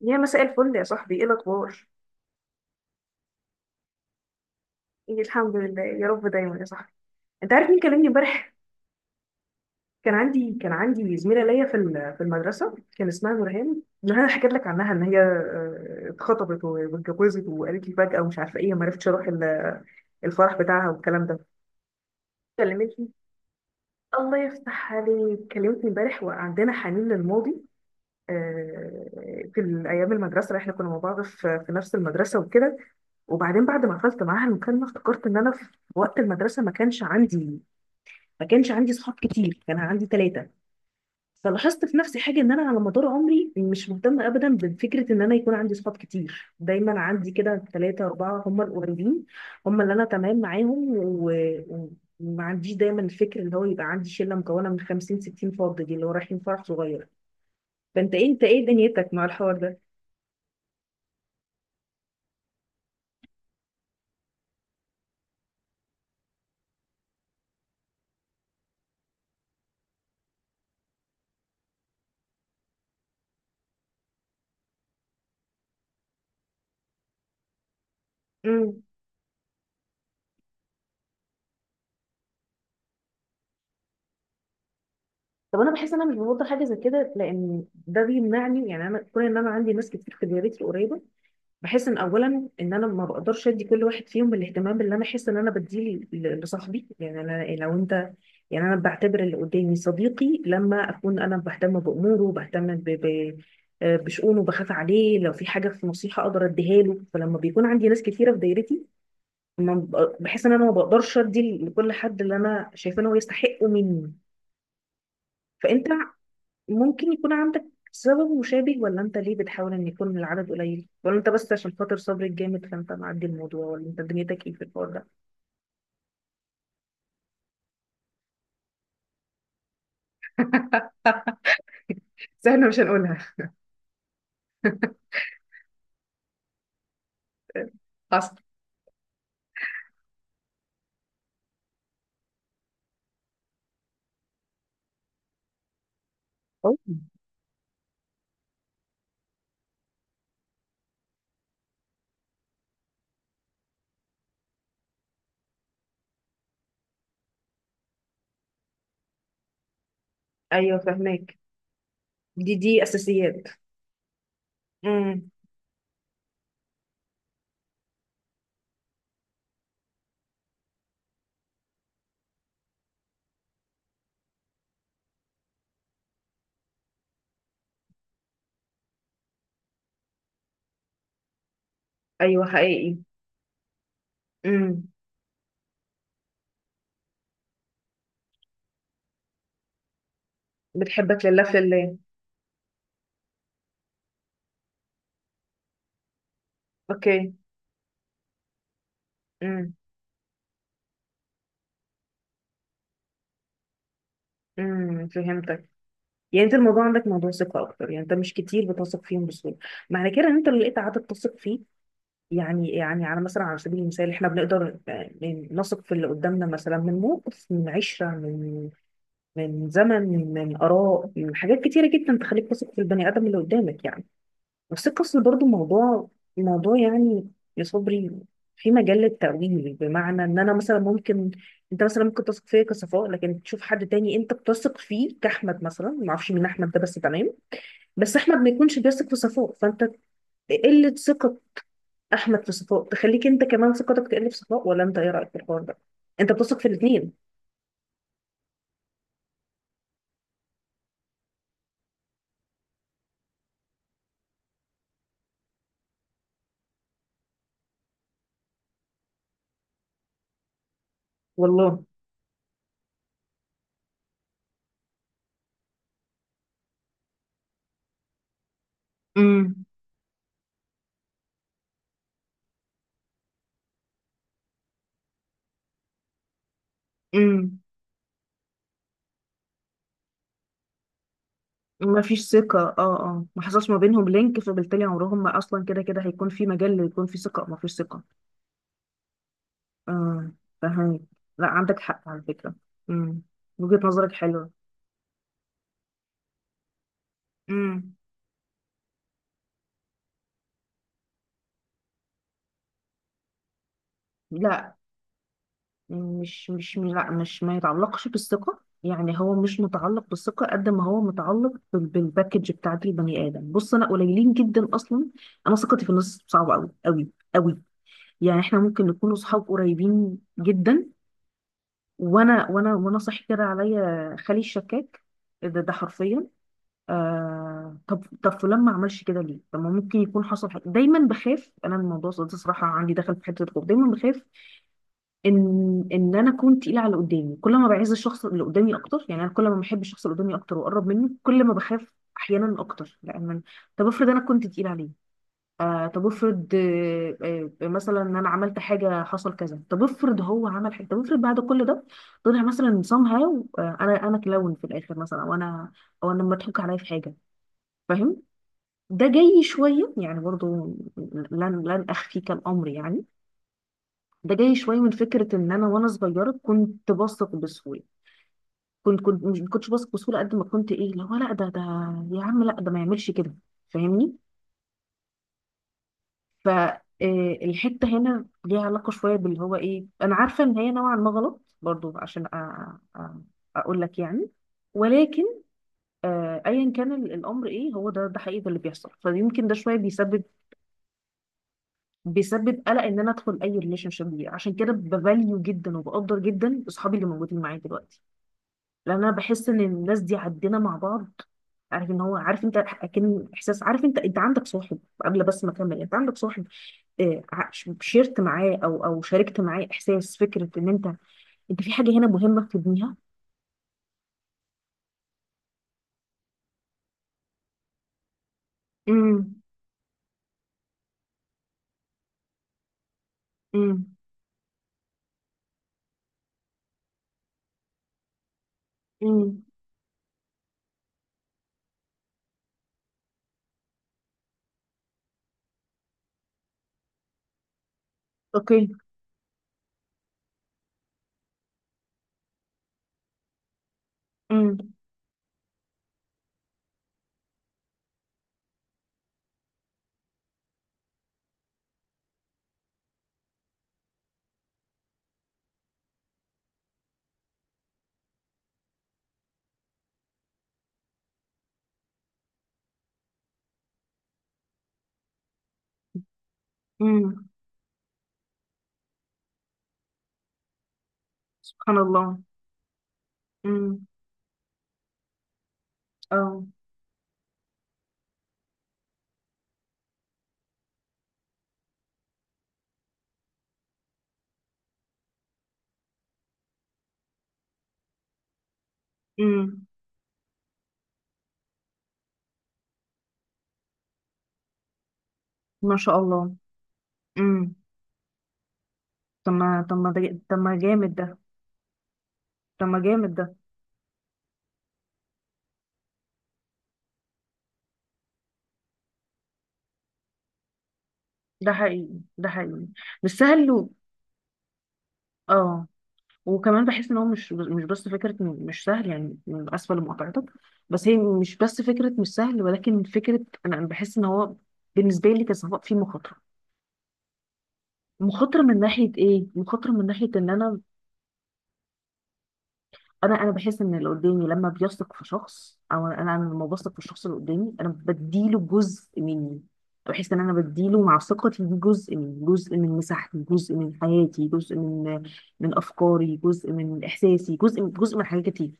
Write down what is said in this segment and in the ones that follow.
يا مساء الفل يا صاحبي، ايه الاخبار؟ ايه، الحمد لله يا رب دايما يا صاحبي. انت عارف مين كلمني امبارح؟ كان عندي زميله ليا في المدرسه، كان اسمها نورهان. نورهان حكيت لك عنها ان هي اتخطبت واتجوزت، وقالت لي فجاه ومش عارفه ايه، ما عرفتش اروح الفرح بتاعها والكلام ده. كلمتني. الله يفتح عليك، كلمتني امبارح وعندنا حنين للماضي. آه، ايام المدرسه احنا كنا مع بعض في نفس المدرسه وكده. وبعدين بعد ما قفلت معاها المكالمه افتكرت ان انا في وقت المدرسه ما كانش عندي صحاب كتير، كان عندي ثلاثه. فلاحظت في نفسي حاجه ان انا على مدار عمري مش مهتمه ابدا بفكره ان انا يكون عندي صحاب كتير، دايما عندي كده ثلاثه اربعه هم القريبين، هم اللي انا تمام معاهم. و... و- وما عنديش دايما الفكر اللي هو يبقى عندي شله مكونه من 50 60 فرد، دي اللي هو رايحين فرح صغير. فانت ايه، انت ايه دنيتك مع الحوار ده؟ امم. طب انا بحس ان انا مش بفضل حاجه زي كده لان ده بيمنعني، يعني انا كون ان انا عندي ناس كتير في دايرتي قريبه، بحس ان اولا ان انا ما بقدرش ادي كل واحد فيهم الاهتمام اللي انا احس ان انا بديه لصاحبي. يعني انا لو انت، يعني انا بعتبر اللي قدامي صديقي لما اكون انا بهتم باموره، بهتم بشؤونه، بخاف عليه، لو في حاجه في نصيحه اقدر اديها له. فلما بيكون عندي ناس كتيره في دايرتي ما ب- بحس ان انا ما بقدرش ادي لكل حد اللي انا شايفه ان هو يستحقه مني. فانت ممكن يكون عندك سبب مشابه، ولا انت ليه بتحاول ان يكون العدد قليل، ولا انت بس عشان خاطر صبرك جامد فانت معدي الموضوع، ولا انت دنيتك ايه في الحوار ده؟ بس احنا مش هنقولها. حصل. أوه. ايوه فهماك، دي اساسيات. امم. ايوه حقيقي. امم. بتحبك لله في الله. اوكي. امم. فهمتك. يعني انت الموضوع عندك موضوع ثقه اكتر، يعني انت مش كتير بتثق فيهم بسهوله. معنى كده ان انت لو لقيت عدد تثق فيه، يعني على مثلا على سبيل المثال احنا بنقدر نثق في اللي قدامنا مثلا من موقف، من 10، من زمن، من آراء، من حاجات كتيرة جدا تخليك تثق في البني آدم اللي قدامك يعني. بس القصة برضو موضوع، موضوع يعني، يا صبري، في مجال للتأويل. بمعنى ان انا مثلا ممكن، انت مثلا ممكن تثق فيا كصفاء لكن تشوف حد تاني انت بتثق فيه كأحمد مثلا، ما اعرفش مين احمد ده بس تمام، بس احمد ما يكونش بيثق في صفاء. فانت قلة ثقة احمد في صفاء تخليك انت كمان ثقتك تقل في صفاء، ولا انت ايه رايك في الحوار ده؟ انت بتثق في الاثنين؟ والله. امم. امم. ما فيش ثقة، اه اه، ما حصلش ما بينهم لينك، فبالتالي عمرهم ما اصلا كده كده هيكون في مجال يكون في ثقة، ما فيش ثقة. اه. فهمت. لا عندك حق على فكرة. امم. وجهة نظرك حلوة. امم. لا، مش مش لا، مش ما يتعلقش بالثقة، يعني هو مش متعلق بالثقة قد ما هو متعلق بالباكج بتاعت البني آدم. بص أنا قليلين جدا أصلا. أنا ثقتي في الناس صعبة أوي أوي أوي. يعني إحنا ممكن نكون أصحاب قريبين جدا، وأنا صاحي كده عليا خالي الشكاك. إيه ده، ده حرفيا، آه طب طب فلان ما عملش كده ليه؟ طب ما ممكن يكون حصل حاجة. دايما بخاف أنا من الموضوع ده صراحة، عندي دخل في حتة الخوف. دايما بخاف ان ان انا اكون تقيله على اللي قدامي، كل ما بعز الشخص اللي قدامي اكتر، يعني انا كل ما بحب الشخص اللي قدامي اكتر واقرب منه كل ما بخاف احيانا اكتر، لان طب افرض انا كنت تقيله عليه، آه طب افرض، آه، آه مثلا ان انا عملت حاجه حصل كذا، طب افرض هو عمل حاجه، طب افرض بعد كل ده طلع مثلا somehow آه انا كلاون في الاخر مثلا، او انا، او انا مضحوك عليا في حاجه. فاهم. ده جاي شويه يعني برضو، لن اخفيك الامر يعني. ده جاي شويه من فكره ان انا وانا صغيره كنت بثق بسهوله، كنت مش ما كنتش بثق بسهوله قد ما كنت ايه اللي هو، لا ده ده يا عم، لا ده ما يعملش كده. فاهمني. فالحته هنا ليها علاقه شويه باللي هو ايه، انا عارفه ان هي نوعا ما غلط برضو عشان اقول لك يعني، ولكن ايا كان الامر ايه هو، ده ده حقيقي ده اللي بيحصل. فيمكن ده شويه بيسبب، بيسبب قلق ان انا ادخل اي ريليشن شيب. عشان كده بفاليو جدا وبقدر جدا اصحابي اللي موجودين معايا دلوقتي، لان انا بحس ان الناس دي عدينا مع بعض. عارف ان هو، عارف انت اكن احساس، عارف انت، انت عندك صاحب قبل؟ بس ما اكمل، انت عندك صاحب شيرت معاه او او شاركت معاه احساس فكره ان انت انت في حاجه هنا مهمه تبنيها؟ امم. امم. امم. اوكي. امم. امم. سبحان الله. امم. اه. امم. ما شاء الله. امم. طب ما، طب ما ده، طب ما جامد ده، طب ما جامد ده. ده حقيقي، ده حقيقي. مش سهل و... اه. وكمان بحس ان هو مش مش بس فكره إن مش سهل، يعني اسفه لمقاطعتك، بس هي مش بس فكره مش سهل ولكن فكره، أنا بحس ان هو بالنسبه لي كصفاء فيه مخاطره. مخاطره من ناحيه ايه؟ مخاطره من ناحيه ان انا، انا بحس ان اللي قدامي لما بيثق في شخص، او انا، أنا لما بثق في الشخص اللي قدامي انا بديله جزء مني. بحس ان انا بديله مع ثقتي دي جزء من، جزء من مساحتي، جزء من حياتي، جزء من من افكاري، جزء من احساسي، جزء من جزء من حاجات كتير.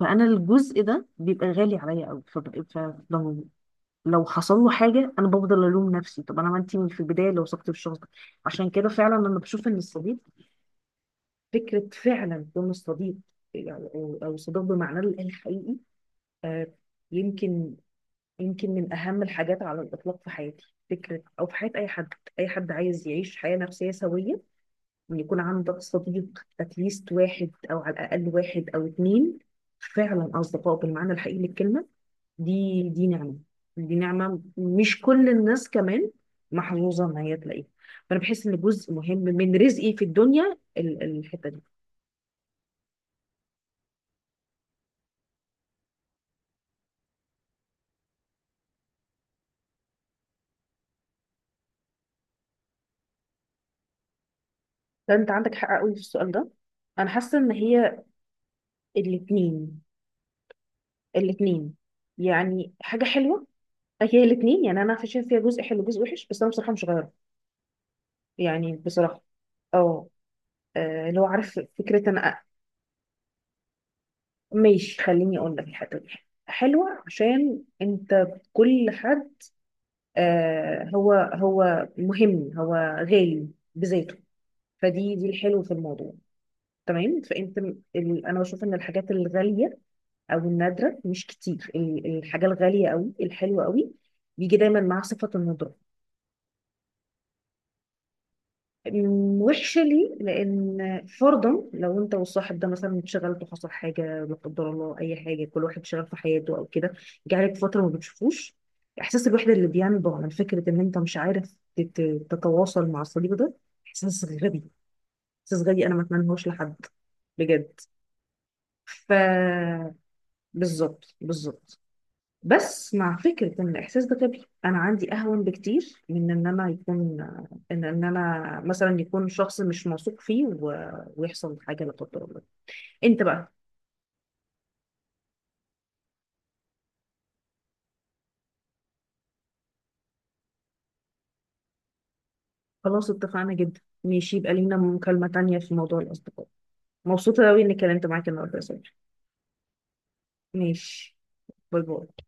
فانا الجزء ده بيبقى غالي عليا قوي، فببقى فلو، لو حصل له حاجه انا بفضل الوم نفسي، طب انا ما انت من في البدايه لو وثقت في الشخص ده. عشان كده فعلا لما بشوف ان الصديق، فكره فعلا كون الصديق، يعني، او أو صديق بمعناه الحقيقي، آه، يمكن، يمكن من اهم الحاجات على الاطلاق في حياتي، فكره او في حياه اي حد، اي حد عايز يعيش حياه نفسيه سويه، ان يكون عندك صديق، اتليست واحد، او على الاقل واحد او اتنين، فعلا اصدقاء بالمعنى الحقيقي للكلمه. دي نعمة، دي نعمة مش كل الناس كمان محظوظة ان هي تلاقيها. فانا بحس ان جزء مهم من رزقي في الدنيا الحتة دي. فانت عندك حق قوي في السؤال ده. انا حاسة ان هي الاتنين، الاتنين، يعني حاجة حلوة، هي الاتنين. يعني انا عارفة فيها جزء حلو وجزء وحش بس انا بصراحة مش غيره، يعني بصراحة. اه. لو عارف فكرة انا ماشي خليني اقول لك. الحتة دي حلوة عشان انت، كل حد، آه هو هو مهم، هو غالي بذاته. فدي الحلو في الموضوع، تمام. فانت انا بشوف ان الحاجات الغاليه، او النادره مش كتير، الحاجه الغاليه قوي الحلوه قوي بيجي دايما مع صفه الندره. وحشة لي، لأن فرضا لو أنت والصاحب ده مثلا اتشغلتوا، حصل حاجة لا قدر الله، أي حاجة، كل واحد شغال في حياته أو كده، جه عليك فترة ما بتشوفوش، إحساس الوحدة اللي بينبع من فكرة إن أنت مش عارف تتواصل مع الصديق ده، إحساس غبي، إحساس غبي أنا ما أتمنهوش لحد بجد. ف بالظبط، بالظبط. بس مع فكرة إن الإحساس ده غبي أنا عندي أهون بكتير من إن أنا يكون، إن أنا مثلا يكون شخص مش موثوق فيه و...، ويحصل حاجة لا قدر الله، أنت بقى. خلاص اتفقنا جدا، ماشي يبقى لينا مكالمة تانية في موضوع الأصدقاء. مبسوطة أوي إني اتكلمت معاك النهاردة يا صبري. ماشي. باي باي.